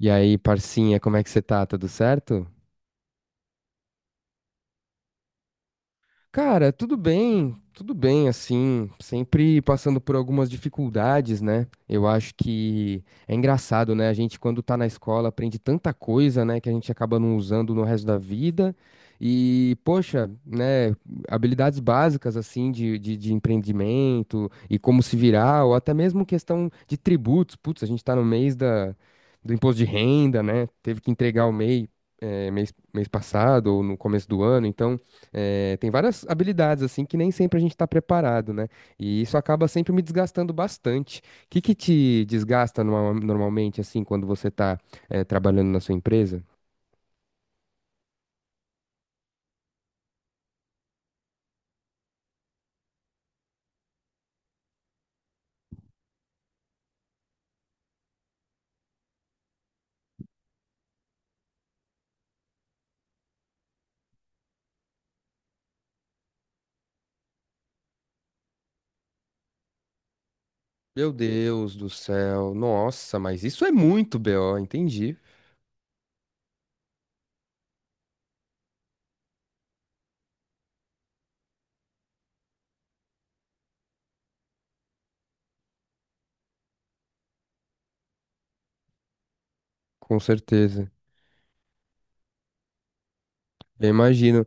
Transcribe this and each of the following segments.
E aí, parcinha, como é que você tá? Tudo certo? Cara, tudo bem, assim, sempre passando por algumas dificuldades, né? Eu acho que é engraçado, né? A gente, quando tá na escola, aprende tanta coisa, né, que a gente acaba não usando no resto da vida. E, poxa, né, habilidades básicas, assim, de empreendimento e como se virar, ou até mesmo questão de tributos. Putz, a gente tá no mês da, do imposto de renda, né? Teve que entregar o MEI, mês passado ou no começo do ano, então. É, tem várias habilidades assim que nem sempre a gente está preparado, né? E isso acaba sempre me desgastando bastante. O que que te desgasta normalmente assim quando você está trabalhando na sua empresa? Meu Deus do céu, nossa, mas isso é muito BO, entendi. Com certeza. Eu imagino.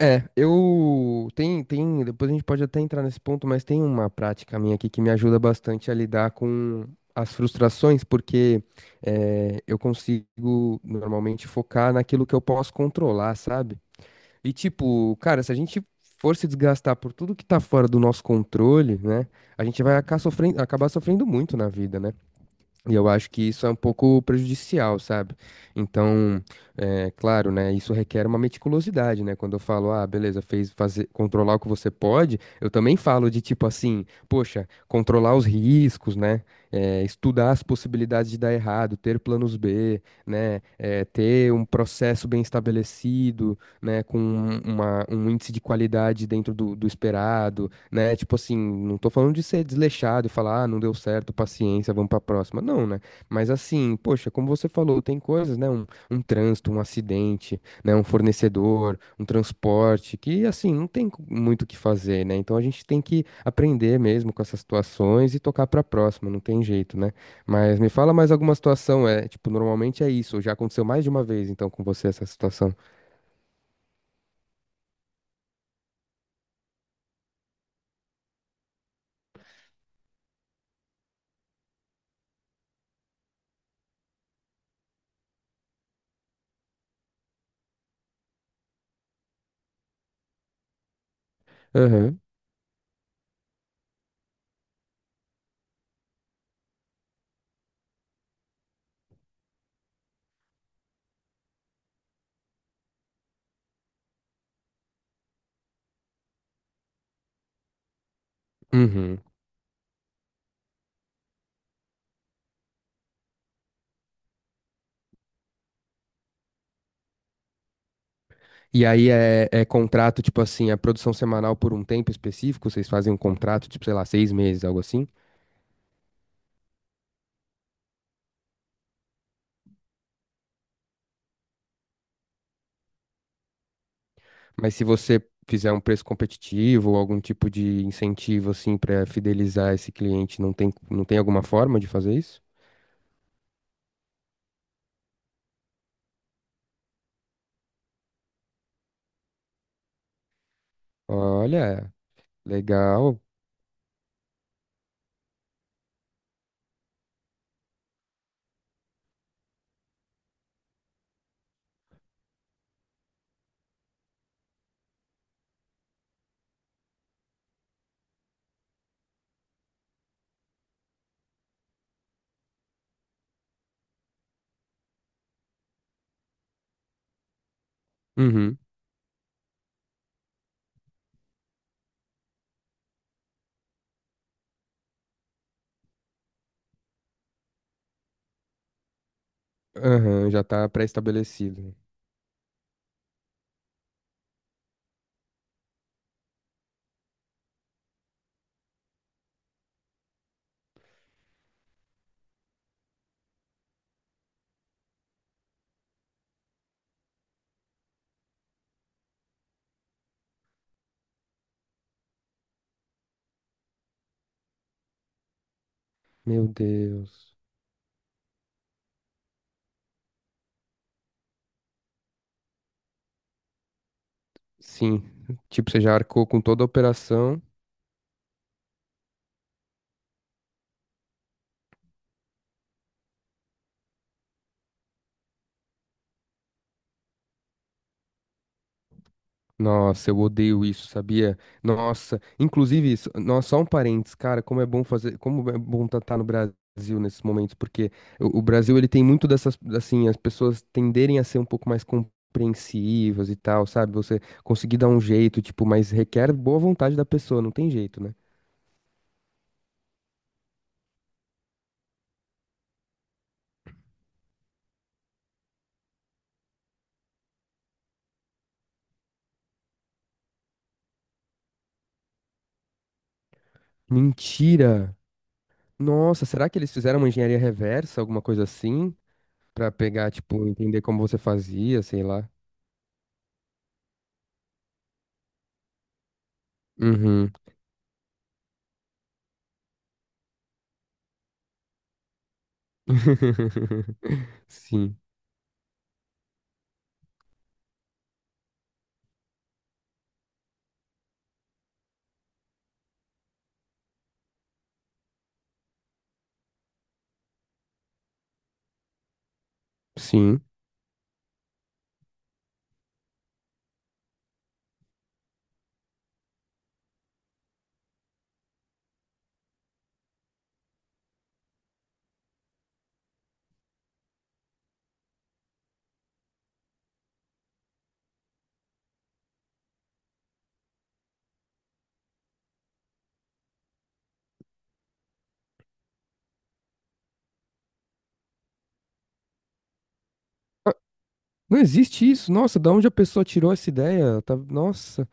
É, eu tem, depois a gente pode até entrar nesse ponto, mas tem uma prática minha aqui que me ajuda bastante a lidar com as frustrações, porque eu consigo normalmente focar naquilo que eu posso controlar, sabe? E tipo, cara, se a gente for se desgastar por tudo que tá fora do nosso controle, né? A gente vai acabar sofrendo muito na vida, né? E eu acho que isso é um pouco prejudicial, sabe? Então, é claro, né? Isso requer uma meticulosidade, né? Quando eu falo, ah, beleza, fez fazer, controlar o que você pode, eu também falo de tipo assim, poxa, controlar os riscos, né? É, estudar as possibilidades de dar errado, ter planos B, né? Ter um processo bem estabelecido, né? Com um índice de qualidade dentro do, do esperado, né? Tipo assim, não tô falando de ser desleixado e falar, ah, não deu certo, paciência, vamos pra próxima. Não, né? Mas assim, poxa, como você falou, tem coisas, né? Um trânsito, um acidente, né? Um fornecedor, um transporte, que assim, não tem muito o que fazer, né? Então a gente tem que aprender mesmo com essas situações e tocar pra próxima, não tem jeito, né? Mas me fala mais alguma situação, é, tipo, normalmente é isso, já aconteceu mais de uma vez, então, com você essa situação. Aham. Uhum. E aí é, é contrato, tipo assim, a produção semanal por um tempo específico, vocês fazem um contrato, tipo, sei lá, seis meses, algo assim. Mas se você fizer um preço competitivo ou algum tipo de incentivo, assim, pra fidelizar esse cliente, não tem, não tem alguma forma de fazer isso? Olha, legal. Uhum. Aham, já tá pré-estabelecido. Meu Deus. Sim. Tipo, você já arcou com toda a operação. Nossa, eu odeio isso, sabia? Nossa, inclusive, isso- nossa, só um parênteses, cara, como é bom fazer, como é bom estar no Brasil nesses momentos, porque o Brasil, ele tem muito dessas, assim, as pessoas tenderem a ser um pouco mais compreensivas e tal, sabe? Você conseguir dar um jeito, tipo, mas requer boa vontade da pessoa, não tem jeito, né? Mentira! Nossa, será que eles fizeram uma engenharia reversa, alguma coisa assim? Pra pegar, tipo, entender como você fazia, sei lá. Uhum. Sim, sim. Ah, não existe isso. Nossa, da onde a pessoa tirou essa ideia? Tá- Nossa.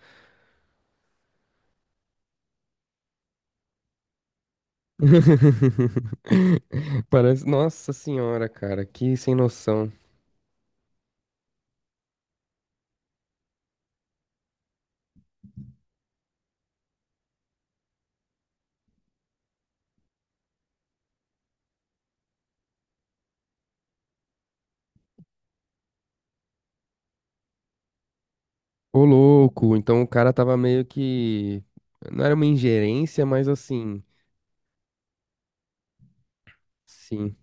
Parece. Nossa senhora, cara, que sem noção. Ô, louco. Então o cara tava meio que. Não era uma ingerência, mas assim. Sim.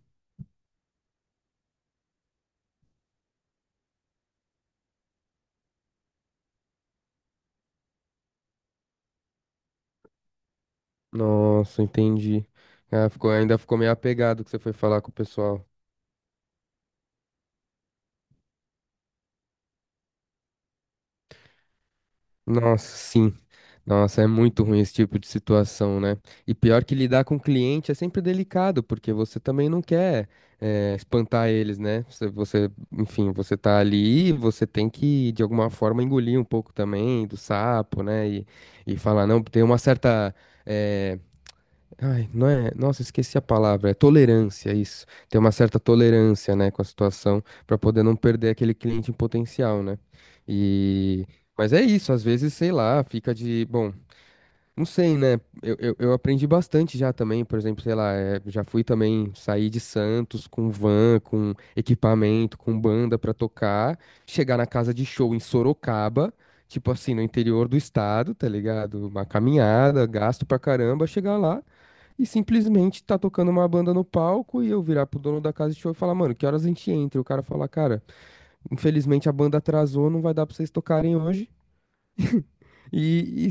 Nossa, entendi. Ah, ficou... Ainda ficou meio apegado que você foi falar com o pessoal. Nossa, sim. Nossa, é muito ruim esse tipo de situação, né? E pior que lidar com cliente é sempre delicado, porque você também não quer, espantar eles, né? Você, enfim, você tá ali, você tem que, de alguma forma, engolir um pouco também do sapo, né? E falar, não, tem uma certa. Eh, ai, não é. Nossa, esqueci a palavra. É tolerância, isso. Tem uma certa tolerância, né, com a situação, para poder não perder aquele cliente em potencial, né? E. Mas é isso, às vezes, sei lá, fica de, bom. Não sei, né? Eu aprendi bastante já também, por exemplo, sei lá, já fui também sair de Santos com van, com equipamento, com banda pra tocar, chegar na casa de show em Sorocaba, tipo assim, no interior do estado, tá ligado? Uma caminhada, gasto pra caramba, chegar lá e simplesmente tá tocando uma banda no palco e eu virar pro dono da casa de show e falar, mano, que horas a gente entra? E o cara falar, cara, infelizmente a banda atrasou, não vai dar pra vocês tocarem hoje. e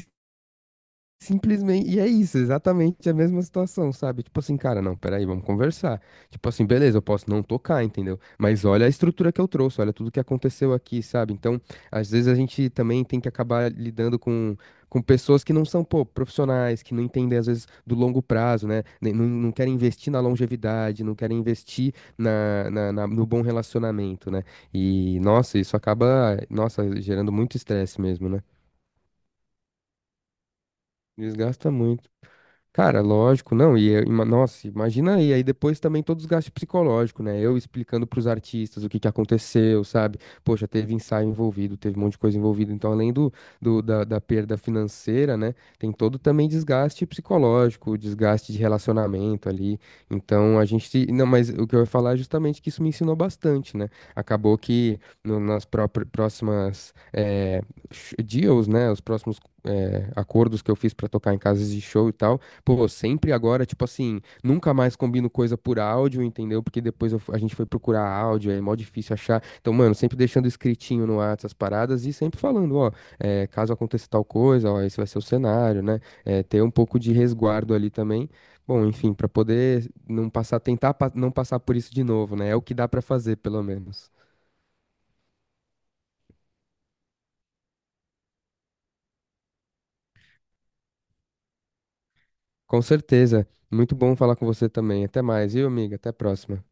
Simplesmente, e é isso, exatamente a mesma situação, sabe? Tipo assim, cara, não, peraí, vamos conversar. Tipo assim, beleza, eu posso não tocar, entendeu? Mas olha a estrutura que eu trouxe, olha tudo que aconteceu aqui, sabe? Então, às vezes a gente também tem que acabar lidando com pessoas que não são, pô, profissionais, que não entendem, às vezes, do longo prazo, né? Nem- Não, não querem investir na longevidade, não querem investir no bom relacionamento, né? E, nossa, isso acaba, nossa, gerando muito estresse mesmo, né? Desgasta muito. Cara, lógico, não, nossa, imagina aí, aí depois também todo o desgaste psicológico, né? Eu explicando pros artistas o que que aconteceu, sabe? Poxa, teve ensaio envolvido, teve um monte de coisa envolvida, então além da perda financeira, né? Tem todo também desgaste psicológico, desgaste de relacionamento ali. Então a gente, não, mas o que eu ia falar é justamente que isso me ensinou bastante, né? Acabou que nas próximas deals, né? Os próximos acordos que eu fiz pra tocar em casas de show e tal. Pô, sempre agora, tipo assim, nunca mais combino coisa por áudio, entendeu? Porque a gente foi procurar áudio, é mó difícil achar. Então, mano, sempre deixando escritinho no WhatsApp as paradas e sempre falando, ó, é, caso aconteça tal coisa, ó, esse vai ser o cenário, né? É, ter um pouco de resguardo ali também. Bom, enfim, pra poder não passar, não passar por isso de novo, né? É o que dá pra fazer, pelo menos. Com certeza. Muito bom falar com você também. Até mais, viu, amiga? Até a próxima.